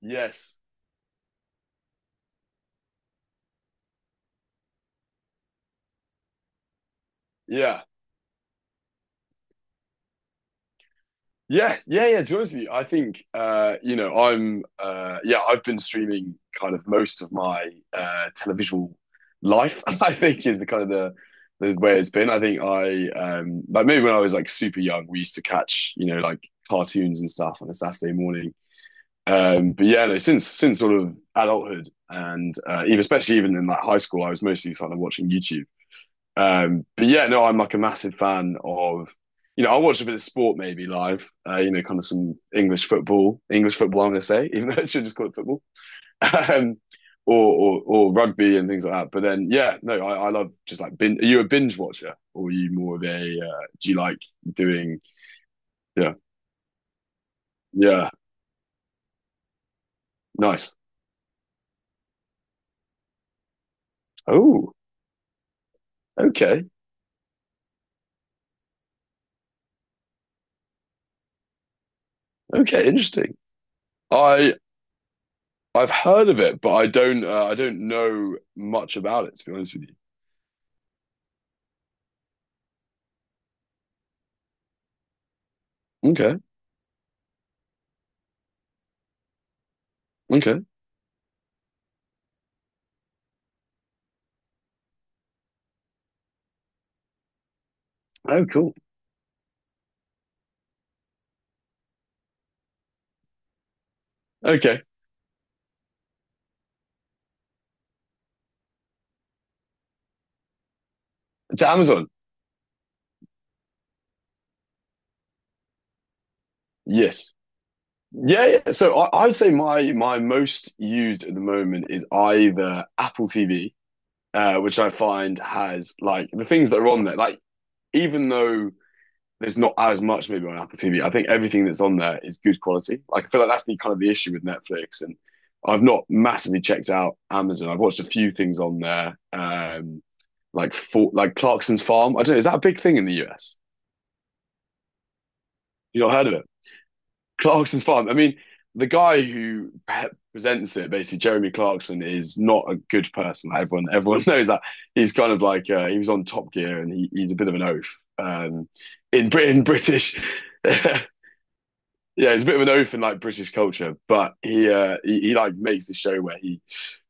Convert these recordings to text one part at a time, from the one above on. Yes. Yeah. Yeah. Yeah. Yeah. To be honest with you, I think I'm I've been streaming kind of most of my televisual life, I think is the kind of the way it's been. I think I like maybe when I was like super young, we used to catch, you know, like cartoons and stuff on a Saturday morning. But yeah, no, since sort of adulthood and even especially even in like high school, I was mostly kind of watching YouTube. But yeah, no, I'm like a massive fan of, you know, I watch a bit of sport maybe live, you know, kind of some English football, I'm going to say, even though I should just call it football, um, or, or or rugby and things like that. But then, yeah, no, I love just like bin. Are you a binge watcher or are you more of a, do you like doing, yeah, yeah, nice. Oh, okay, okay, interesting. I, I've heard of it, but I don't know much about it, to be honest with you. Okay, okay. Oh, cool. Okay. To Amazon. Yes. Yeah, yeah. So I'd say my my most used at the moment is either Apple TV, which I find has like the things that are on there. Like even though there's not as much maybe on Apple TV, I think everything that's on there is good quality. Like I feel like that's the kind of the issue with Netflix, and I've not massively checked out Amazon. I've watched a few things on there, like for like Clarkson's Farm. I don't know. Is that a big thing in the US? You not heard of it? Clarkson's fun. I mean, the guy who presents it, basically Jeremy Clarkson, is not a good person. Like, everyone knows that. He's kind of like he was on Top Gear, and he's a bit of an oaf in Britain, British. Yeah, he's a bit of an oaf in like British culture, but he, he like makes this show where he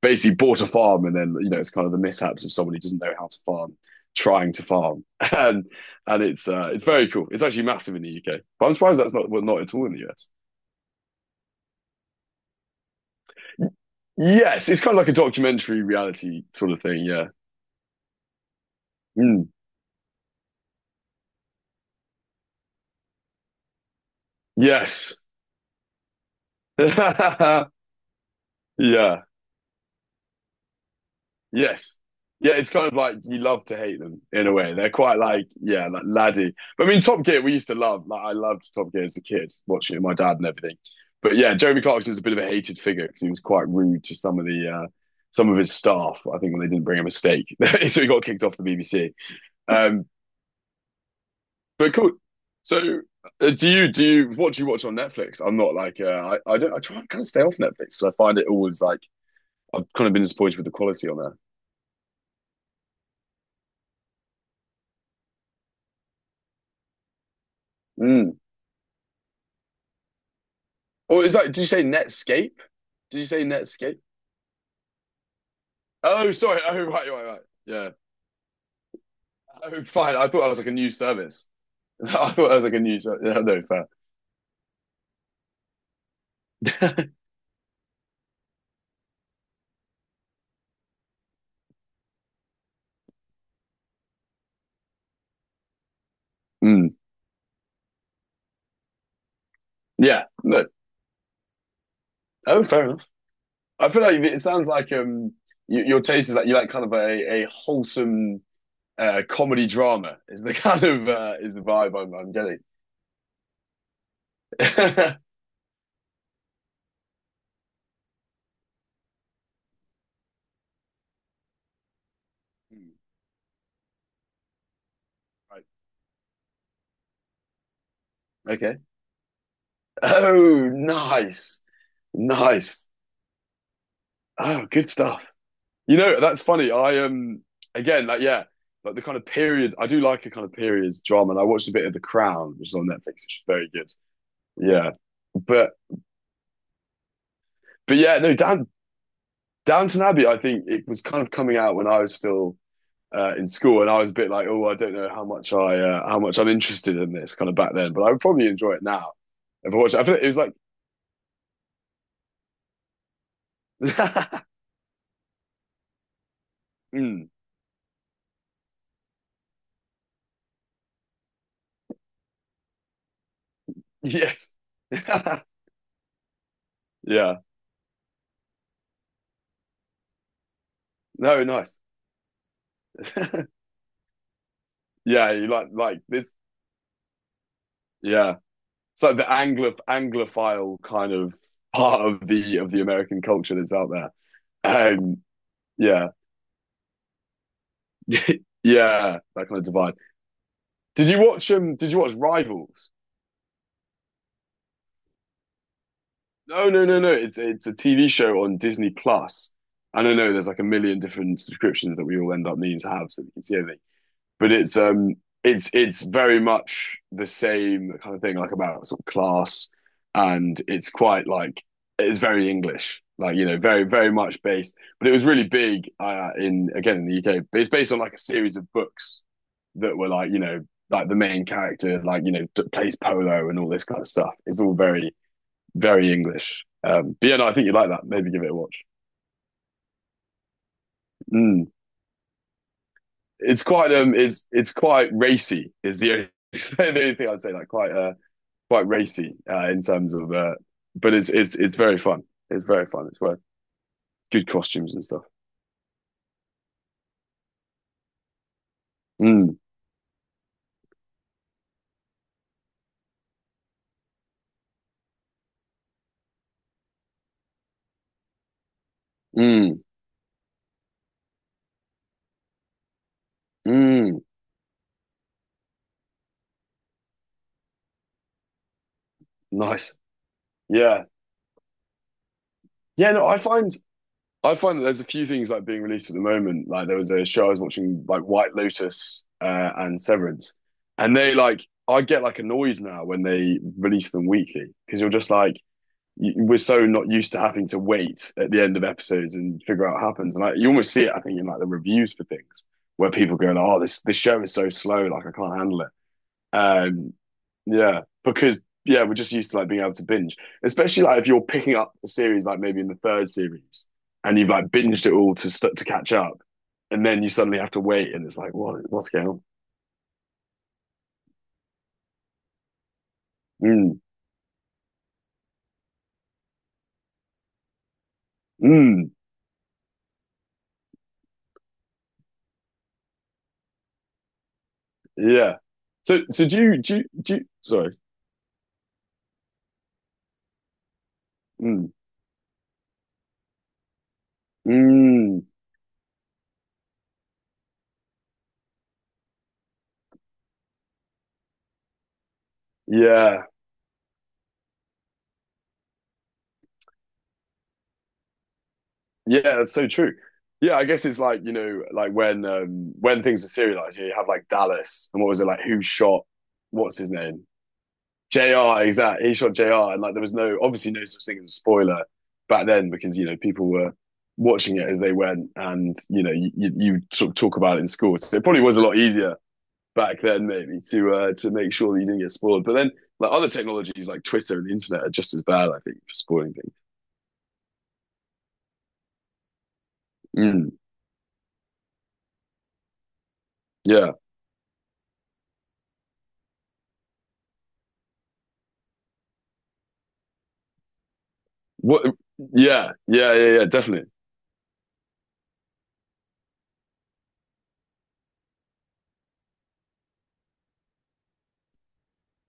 basically bought a farm, and then you know it's kind of the mishaps of someone who doesn't know how to farm trying to farm, and it's very cool. It's actually massive in the UK, but I'm surprised that's not well, not at all in the US. Yes, it's kind of like a documentary reality sort of thing. Yeah. Mm. Yes. Yeah. Yes. Yeah, it's kind of like you love to hate them in a way. They're quite like, yeah, like laddie. But I mean, Top Gear, we used to love. Like, I loved Top Gear as a kid, watching it with my dad and everything. But yeah, Jeremy Clarkson's a bit of a hated figure because he was quite rude to some of the some of his staff. I think when they didn't bring him a steak, so he got kicked off the BBC. Um, But cool. So, do you what do you watch on Netflix? I'm not like I don't I try and kind of stay off Netflix because I find it always like I've kind of been disappointed with the quality on there. Mm. Or is that? Did you say Netscape? Did you say Netscape? Oh, sorry. Oh, right, right, right. Yeah. Oh, fine. I thought that was like a new service. I thought that was like a new service. Yeah, no, fair. Mm. Yeah. No. Oh, fair enough. I feel like it sounds like y- your taste is like you like kind of a wholesome comedy drama is the kind of is the vibe I'm getting. Right. Okay. Oh, nice, nice. Oh, good stuff. You know, that's funny. I again, like yeah, like the kind of period. I do like a kind of periods drama, and I watched a bit of The Crown, which is on Netflix, which is very good. Yeah, but but yeah, no, Down, Downton Abbey. I think it was kind of coming out when I was still in school, and I was a bit like, oh, I don't know how much I how much I'm interested in this kind of back then, but I would probably enjoy it now if I watched it. I feel like it was like, mm, yes, yeah, no, nice, yeah, you like this, yeah. It's like the Anglo Anglophile kind of part of the American culture that's out there. Um, yeah, yeah, that kind of divide. Did you watch um? Did you watch Rivals? No, no, no, no. It's a TV show on Disney Plus. I don't know. There's like a million different subscriptions that we all end up needing to have so that we can see everything. But it's very much the same kind of thing, like about sort of class, and it's quite like it's very English, like you know, very much based. But it was really big in again in the UK. But it's based on like a series of books that were like you know like the main character like you know d- plays polo and all this kind of stuff. It's all very very English. But yeah, no, I think you like that. Maybe give it a watch. Mm. It's quite racy. Is the only, the only thing I'd say like quite quite racy in terms of but it's very fun. It's very fun. It's worth good costumes and stuff. Mm, mm, mm. Nice. Yeah. Yeah, no, I find that there's a few things like being released at the moment. Like there was a show I was watching, like White Lotus and Severance, and they like I get like annoyed now when they release them weekly because you're just like we're so not used to having to wait at the end of episodes and figure out what happens. And like you almost see it, I think, in like the reviews for things where people go, like, "Oh, this show is so slow, like I can't handle it." Um, yeah, because yeah, we're just used to like being able to binge, especially like if you're picking up a series like maybe in the third series and you've like binged it all to catch up, and then you suddenly have to wait, and it's like, what what's going on? Mm, mm, yeah. So so sorry. Mm, mm, yeah, yeah. That's so true. Yeah, I guess it's like you know like when things are serialized, you, know, you have like Dallas and what was it like? Who shot? What's his name? JR, exactly. He shot JR, and like there was no, obviously, no such thing as a spoiler back then because you know people were watching it as they went, and you know you sort of talk about it in school, so it probably was a lot easier back then maybe to make sure that you didn't get spoiled. But then like other technologies like Twitter and the internet are just as bad, I think, for spoiling things. Mm, yeah. What? Yeah, yeah, yeah, yeah. Definitely.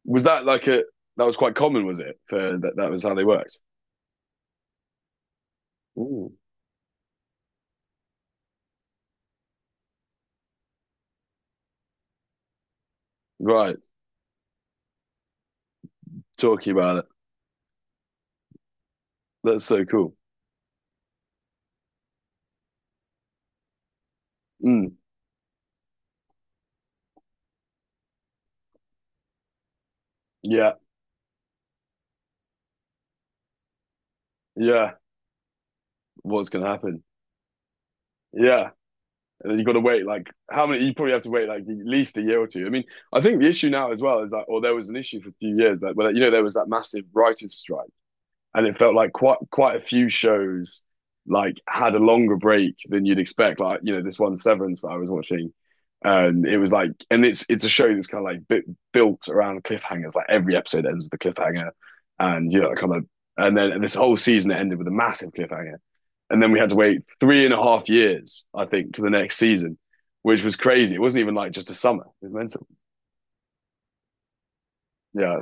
Was that like a that was quite common? Was it for that? That was how they worked. Ooh. Right. Talking about it. That's so cool. Mm. Yeah, yeah. What's gonna happen? Yeah, and then you got to wait like how many? You probably have to wait like at least a year or two. I mean, I think the issue now as well is that, or there was an issue for a few years that, well, you know, there was that massive writers' strike, and it felt like quite a few shows like had a longer break than you'd expect. Like you know, this one Severance that I was watching, and it was like, and it's a show that's kind of like bit built around cliffhangers. Like every episode ends with a cliffhanger, and you know, kind of, and then and this whole season it ended with a massive cliffhanger. And then we had to wait three and a half years, I think, to the next season, which was crazy. It wasn't even like just a summer. It was mental. Yeah.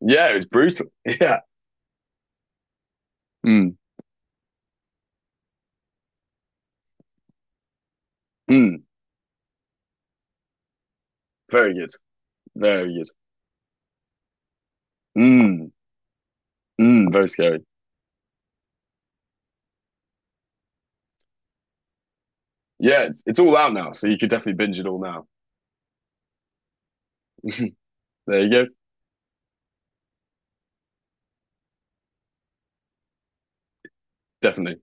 Yeah, it was brutal. Yeah. Mm, mm. Very good. Very good. Mm, mm. Very scary. Yeah, it's all out now. So you could definitely binge it all now. There you go. Definitely.